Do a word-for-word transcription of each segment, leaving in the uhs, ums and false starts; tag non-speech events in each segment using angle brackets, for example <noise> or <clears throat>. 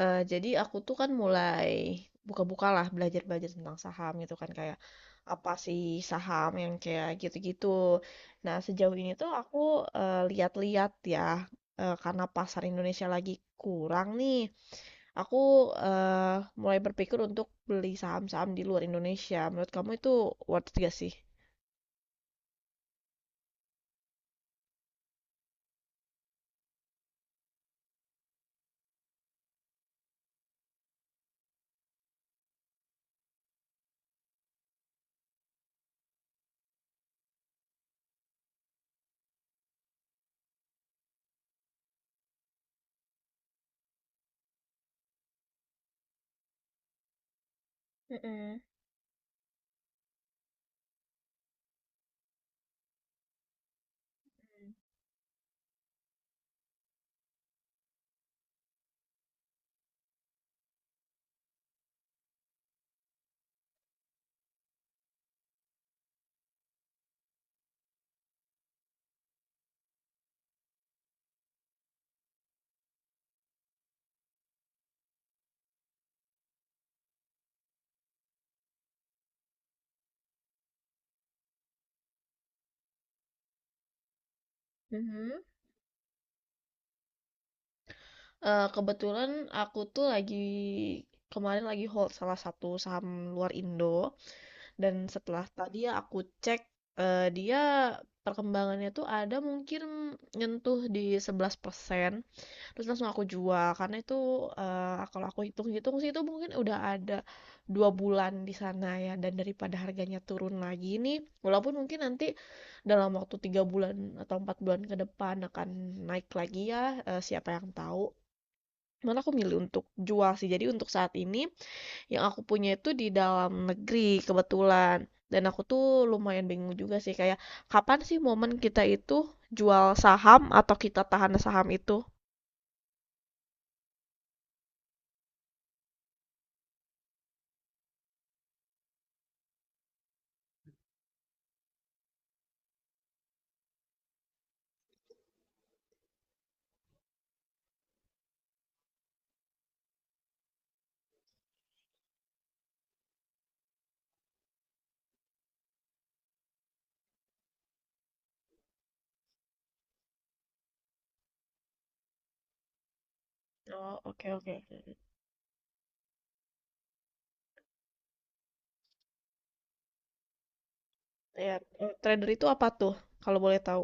Eee, jadi aku tuh kan mulai buka-buka lah, belajar-belajar tentang saham gitu kan, kayak apa sih saham yang kayak gitu-gitu. Nah, sejauh ini tuh aku, eee, lihat-lihat ya, eee, karena pasar Indonesia lagi kurang nih, aku, eee, mulai berpikir untuk beli saham-saham di luar Indonesia. Menurut kamu itu worth it gak sih? Mhm, mhm. Eee, kebetulan aku tuh lagi kemarin lagi hold salah satu saham luar Indo. Dan setelah tadi yang aku cek, eh, dia perkembangannya tuh ada mungkin nyentuh di sebelas persen terus langsung aku jual. Karena itu eh, kalau aku hitung-hitung sih itu mungkin udah ada dua bulan di sana ya. Dan daripada harganya turun lagi nih, walaupun mungkin nanti dalam waktu tiga bulan atau empat bulan ke depan akan naik lagi ya, eh, siapa yang tahu. Cuman aku milih untuk jual sih. Jadi untuk saat ini yang aku punya itu di dalam negeri kebetulan. Dan aku tuh lumayan bingung juga sih kayak kapan sih momen kita itu jual saham atau kita tahan saham itu? Oh, oke oke. oke. Ya, eh, trader itu apa tuh kalau boleh tahu?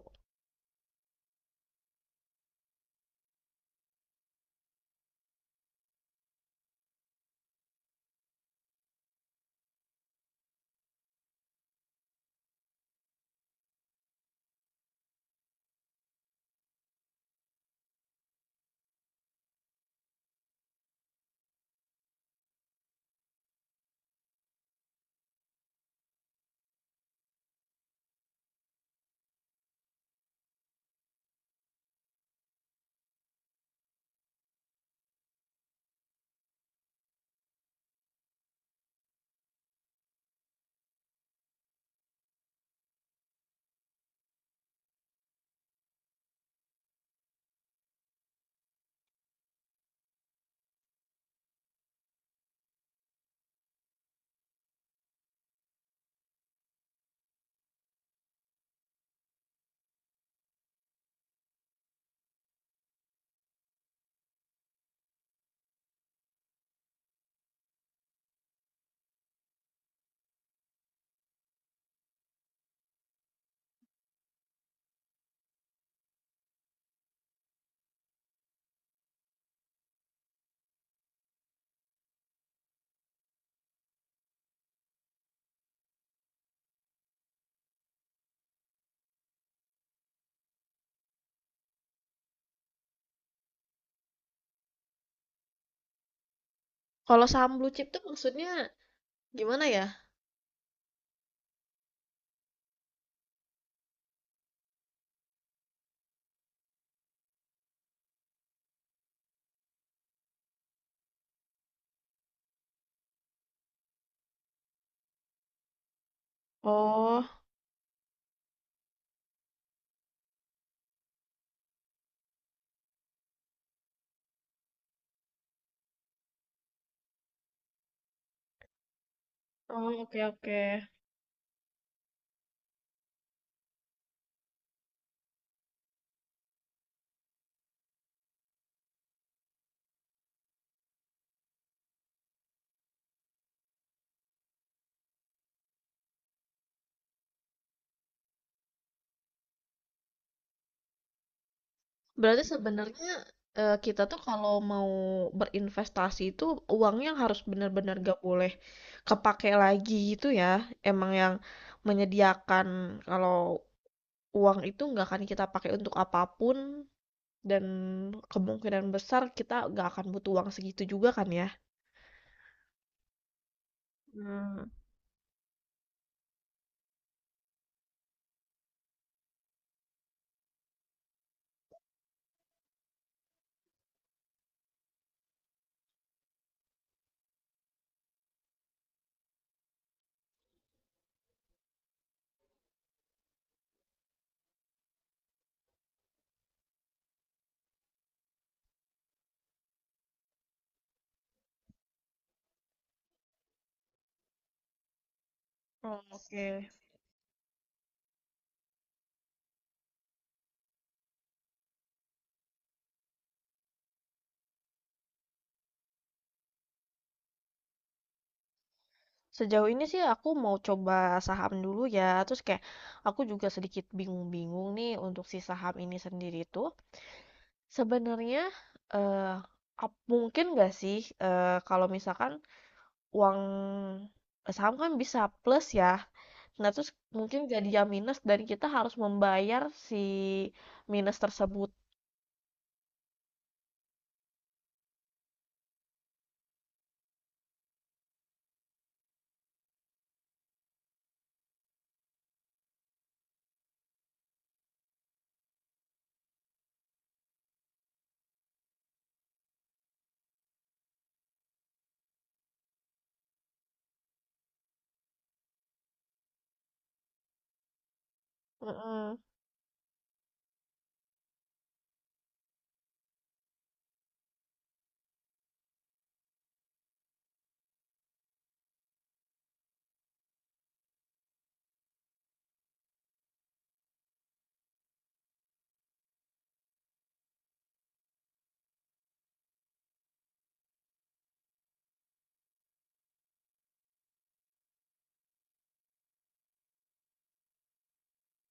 Kalau saham blue chip tuh maksudnya gimana ya? Oh, oh oke oke. Berarti sebenarnya eh, kita tuh kalau mau berinvestasi itu uangnya yang harus benar-benar gak boleh kepake lagi gitu ya. Emang yang menyediakan kalau uang itu nggak akan kita pakai untuk apapun dan kemungkinan besar kita nggak akan butuh uang segitu juga kan ya. Hmm. Oh, oke. Sejauh ini sih aku mau coba saham dulu ya. Terus kayak aku juga sedikit bingung-bingung nih untuk si saham ini sendiri tuh. Sebenarnya, eee, ap mungkin nggak sih, eee, kalau misalkan uang saham kan bisa plus ya. Nah, terus mungkin jadi yang minus dan kita harus membayar si minus tersebut. Mhm.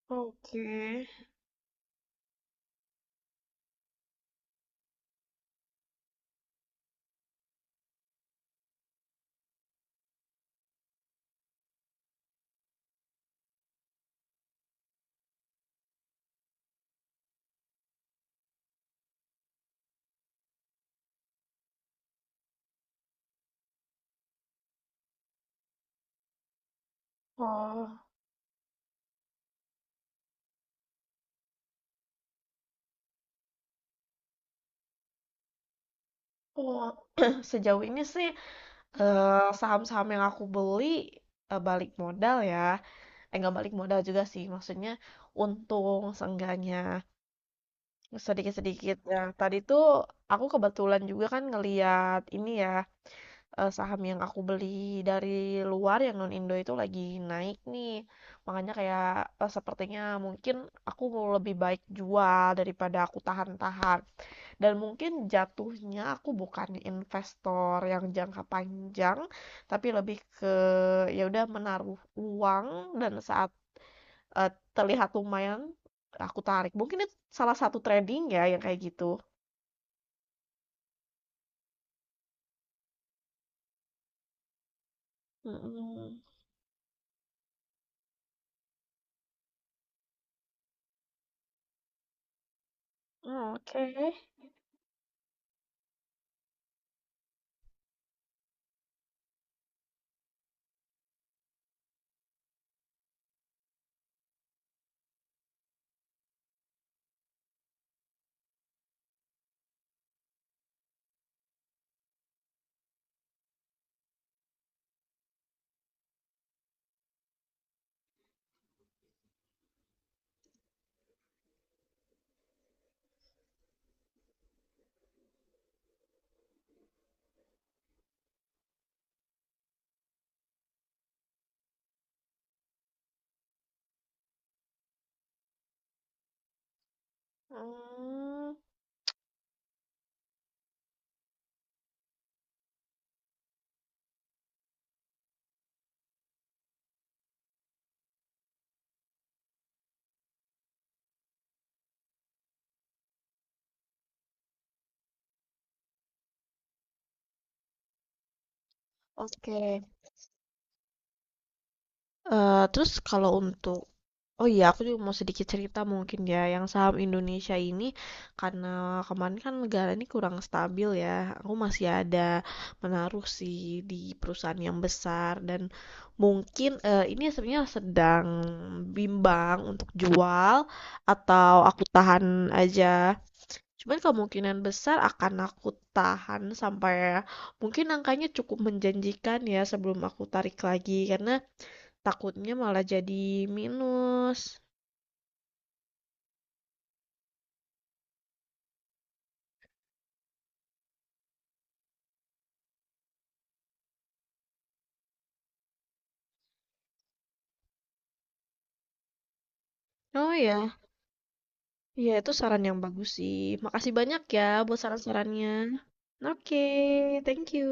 Oke. Oh. Wah, <clears throat> sejauh ini sih, eee, saham-saham yang aku beli, eee, balik modal ya, eh, nggak balik modal juga sih, maksudnya untung seenggaknya. Sedikit-sedikit. Nah, tadi tuh aku kebetulan juga kan ngeliat ini ya, eee, saham yang aku beli dari luar yang non Indo itu lagi naik nih. Makanya kayak, eee, sepertinya mungkin aku mau lebih baik jual daripada aku tahan-tahan. Dan mungkin jatuhnya aku bukan investor yang jangka panjang, tapi lebih ke ya udah menaruh uang dan saat, eee, terlihat lumayan, aku tarik. Mungkin itu salah satu trading ya yang kayak gitu? Mhm. Oh, oke. Hmm, oke. Eh, terus kalau untuk oh iya, aku juga mau sedikit cerita mungkin ya. Yang saham Indonesia ini karena kemarin kan negara ini kurang stabil ya. Aku masih ada menaruh sih di perusahaan yang besar dan mungkin eh, ini sebenarnya sedang bimbang untuk jual atau aku tahan aja. Cuman kemungkinan besar akan aku tahan sampai mungkin angkanya cukup menjanjikan ya sebelum aku tarik lagi, karena takutnya malah jadi minus. Oh ya, ya itu saran yang bagus sih. Makasih banyak ya buat saran-sarannya. Oke, thank you.